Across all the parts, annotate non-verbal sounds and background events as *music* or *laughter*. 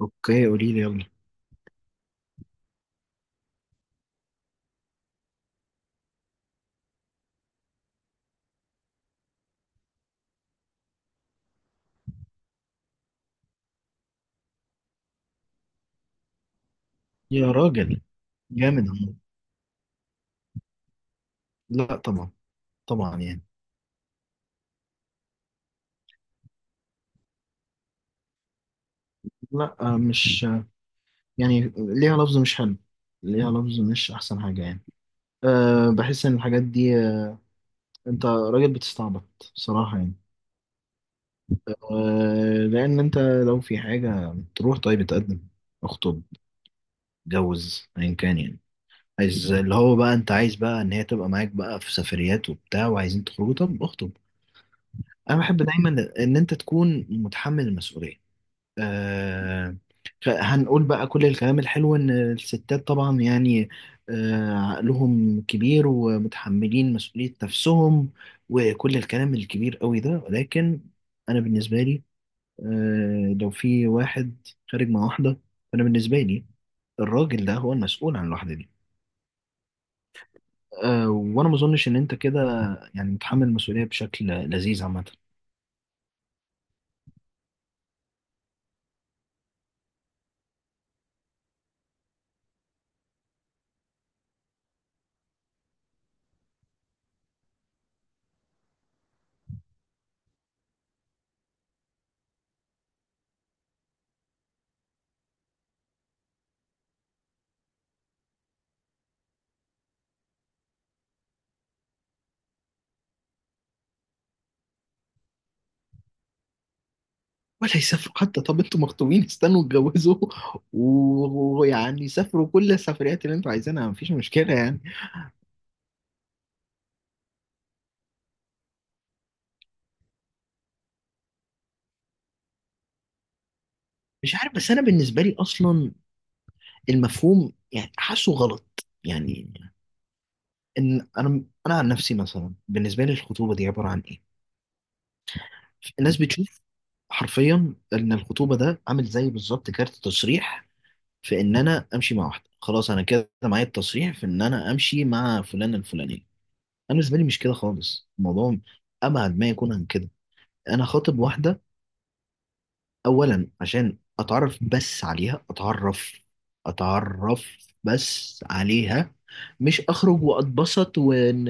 اوكي، قولي لي يلا. يا راجل جامد عمو. لا طبعا. طبعا يعني. لا مش يعني ليها لفظ مش حلو. ليها لفظ مش احسن حاجه يعني. بحس ان الحاجات دي انت راجل بتستعبط صراحه يعني. لان انت لو في حاجه تروح، طيب اتقدم، اخطب، اتجوز ايا كان يعني. عايز اللي هو بقى، انت عايز بقى ان هي تبقى معاك بقى في سفريات وبتاع وعايزين تخرجوا، طب اخطب. انا بحب دايما ان انت تكون متحمل المسؤوليه. آه، هنقول بقى كل الكلام الحلو إن الستات طبعا يعني عقلهم كبير ومتحملين مسؤولية نفسهم وكل الكلام الكبير قوي ده، ولكن أنا بالنسبة لي، لو في واحد خارج مع واحدة، فأنا بالنسبة لي الراجل ده هو المسؤول عن الواحدة دي. وأنا ما أظنش إن أنت كده يعني متحمل المسؤولية بشكل لذيذ عامة. ولا يسافروا حتى. طب انتوا مخطوبين، استنوا اتجوزوا ويعني سافروا كل السفريات اللي انتوا عايزينها، مفيش مشكلة يعني. مش عارف، بس انا بالنسبة لي اصلا المفهوم يعني حاسه غلط يعني. ان انا عن نفسي، مثلا، بالنسبة لي الخطوبة دي عبارة عن ايه؟ الناس بتشوف حرفيا ان الخطوبة ده عامل زي بالظبط كارت تصريح في ان انا امشي مع واحدة. خلاص انا كده معايا التصريح في ان انا امشي مع فلان الفلانية. انا بالنسبة لي مش كده خالص الموضوع، ابعد ما يكون عن كده. انا خاطب واحده اولا عشان اتعرف بس عليها، اتعرف اتعرف بس عليها، مش اخرج واتبسط ون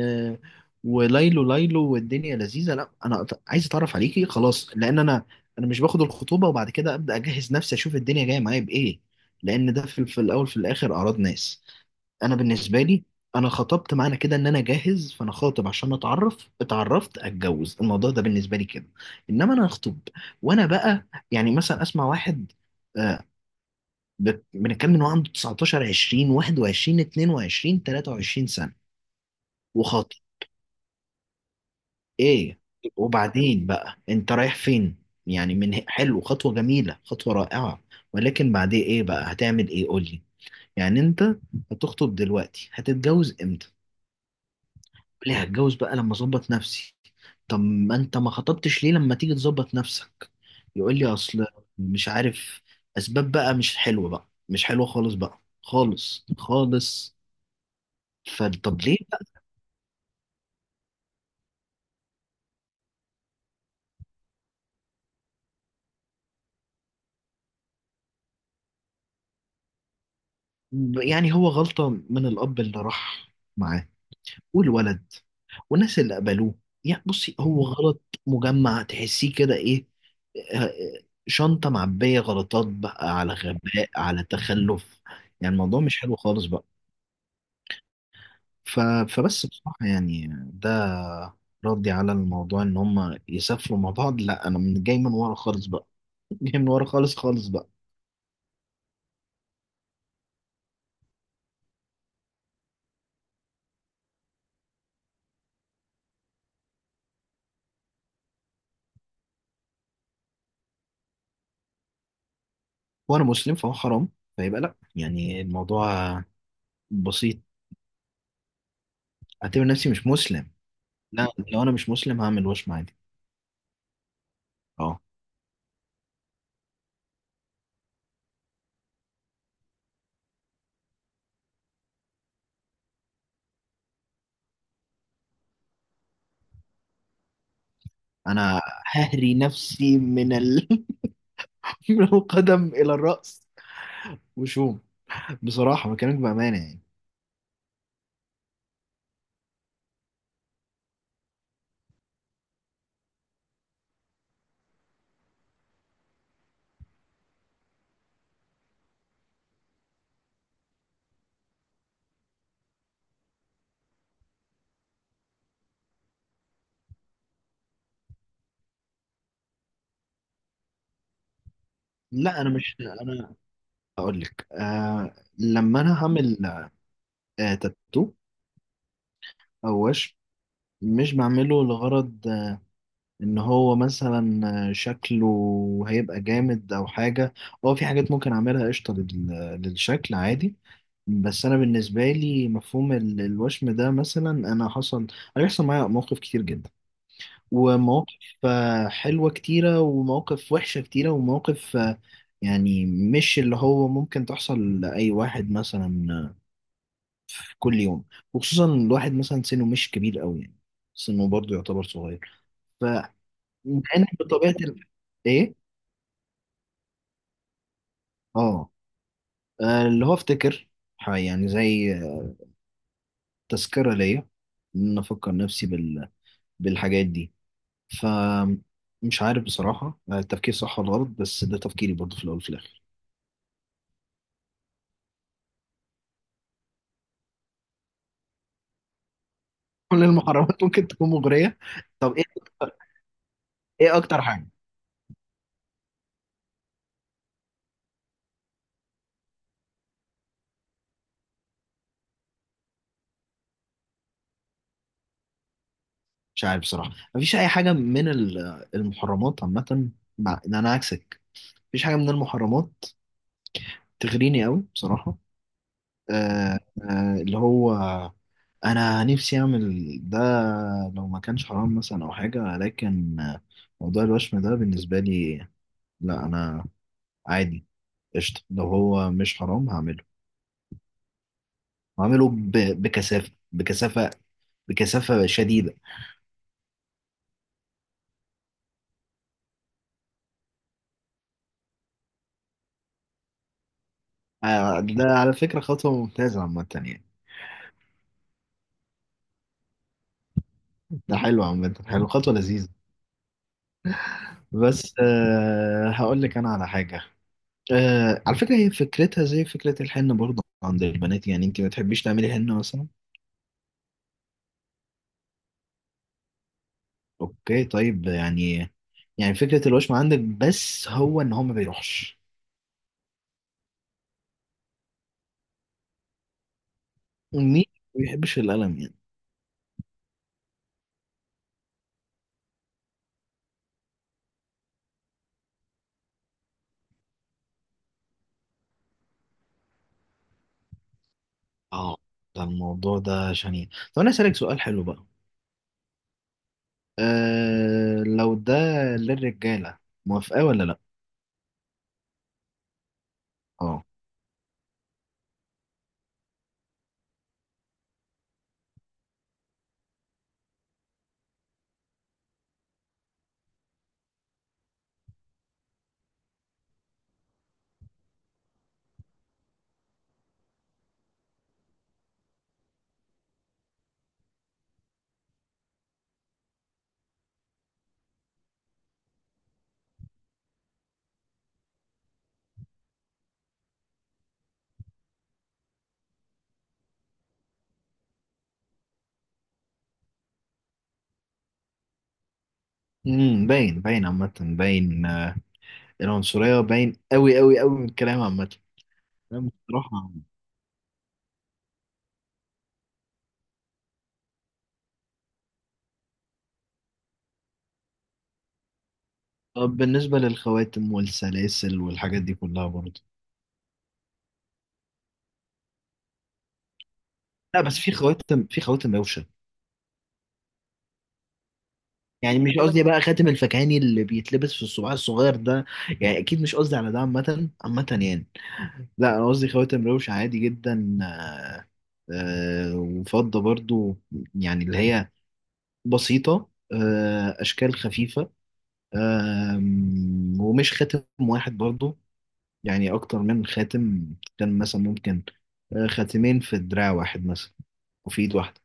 وليلو ليلو والدنيا لذيذه. لا، انا عايز اتعرف عليكي خلاص، لان انا انا مش باخد الخطوبه وبعد كده ابدا اجهز نفسي اشوف الدنيا جايه معايا بايه، لان ده في الاول في الاخر اعراض ناس. انا بالنسبه لي، انا خطبت، معنى كده ان انا جاهز، فانا خاطب عشان اتعرف، اتعرفت، اتجوز. الموضوع ده بالنسبه لي كده. انما انا اخطب وانا بقى، يعني مثلا اسمع واحد آه، بنتكلم ان هو عنده 19 20 21 22 23 سنه، وخاطب. ايه وبعدين بقى، انت رايح فين؟ يعني، من حلو، خطوه جميله، خطوه رائعه، ولكن بعدين ايه بقى؟ هتعمل ايه؟ قول لي. يعني انت هتخطب دلوقتي، هتتجوز امتى؟ ليه؟ هتجوز بقى لما اظبط نفسي. طب ما انت ما خطبتش ليه لما تيجي تظبط نفسك؟ يقول لي: اصل مش عارف، اسباب بقى. مش حلوه بقى، مش حلوه خالص بقى، خالص خالص. فطب ليه بقى؟ يعني هو غلطه من الاب اللي راح معاه والولد والناس اللي قبلوه. يعني بصي، هو غلط مجمع، تحسيه كده ايه، آه، شنطه معبيه غلطات بقى، على غباء، على تخلف. يعني الموضوع مش حلو خالص بقى. ف... فبس بصراحه يعني، ده ردي على الموضوع ان هم يسافروا مع بعض. لا انا من جاي من ورا خالص بقى. *laughs* جاي من ورا خالص خالص بقى. وانا مسلم، فهو حرام، فيبقى لا. يعني الموضوع بسيط. اعتبر نفسي مش مسلم. لا، لو انا مش مسلم هعمل وشم عادي. اه. انا ههري نفسي من *laughs* من القدم الى الرأس وشوم. بصراحة بكلمك بأمانة يعني. لا انا مش، انا اقول لك لما انا هعمل تاتو او وشم، مش بعمله لغرض ان هو مثلا شكله هيبقى جامد او حاجه. هو في حاجات ممكن اعملها قشطه للشكل عادي، بس انا بالنسبه لي مفهوم الوشم ده، مثلا انا حصل هيحصل معايا مواقف كتير جدا، ومواقف حلوه كتيره، ومواقف وحشه كتيره، ومواقف يعني مش اللي هو ممكن تحصل لاي واحد مثلا في كل يوم، وخصوصا الواحد مثلا سنه مش كبير قوي يعني، سنه برضه يعتبر صغير. مع انك بطبيعه ايه. اه، اللي هو افتكر، يعني زي تذكره ليا، ان انا افكر نفسي بالحاجات دي. ف، مش عارف بصراحه التفكير صح ولا غلط، بس ده تفكيري برضه في الاول وفي الاخر. *laughs* كل المحرمات ممكن تكون مغريه. طب ايه اكتر؟ ايه اكتر حاجه؟ مش عارف بصراحه، مفيش اي حاجه من المحرمات عامه. مع ان انا عكسك، مفيش حاجه من المحرمات تغريني قوي بصراحه. اللي هو انا نفسي اعمل ده لو ما كانش حرام مثلا او حاجه، لكن موضوع الوشم ده بالنسبه لي، لا انا عادي قشطه، لو هو مش حرام هعمله، هعمله بكثافه، بكثافه، بكثافه شديده. ده على فكره خطوه ممتازه عامه يعني. ده حلو عامه، حلو، خطوه لذيذه. بس هقول لك انا على حاجه. على فكرة هي فكرتها زي فكرة الحنة برضه عند البنات. يعني انت ما تحبيش تعملي حنة مثلا؟ اوكي طيب يعني، يعني فكرة الوشم عندك بس هو ان هو ما بيروحش. مين ما بيحبش الألم يعني؟ اه، ده الموضوع ده شنيع. طب انا اسألك سؤال حلو بقى. لو ده للرجالة، موافقة ولا لا؟ اه. امم، باين، باين عامة، باين العنصرية، باين قوي قوي قوي من الكلام عامة. بصراحة. طب بالنسبة للخواتم والسلاسل والحاجات دي كلها برضه؟ لا بس في خواتم، في خواتم روشة. يعني مش قصدي بقى خاتم الفكهاني اللي بيتلبس في الصباع الصغير ده، يعني أكيد مش قصدي على ده عامة عامة يعني. لا أنا قصدي خواتم روشة عادي جدا، وفضة برضه، يعني اللي هي بسيطة، أشكال خفيفة. ومش خاتم واحد برضه، يعني أكتر من خاتم. كان مثلا ممكن، خاتمين في دراع واحد مثلا، وفي إيد واحدة.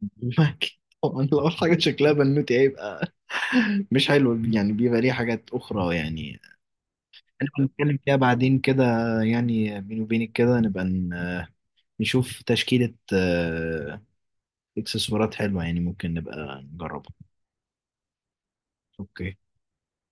*laughs* أكيد، طبعا. لو حاجة شكلها بنوتي هيبقى *laughs* مش حلو، يعني بيبقى ليه حاجات أخرى يعني، هنبقى نتكلم فيها بعدين كده. يعني بيني وبينك كده، نبقى نشوف تشكيلة إكسسوارات حلوة، يعني ممكن نبقى نجربها. أوكي.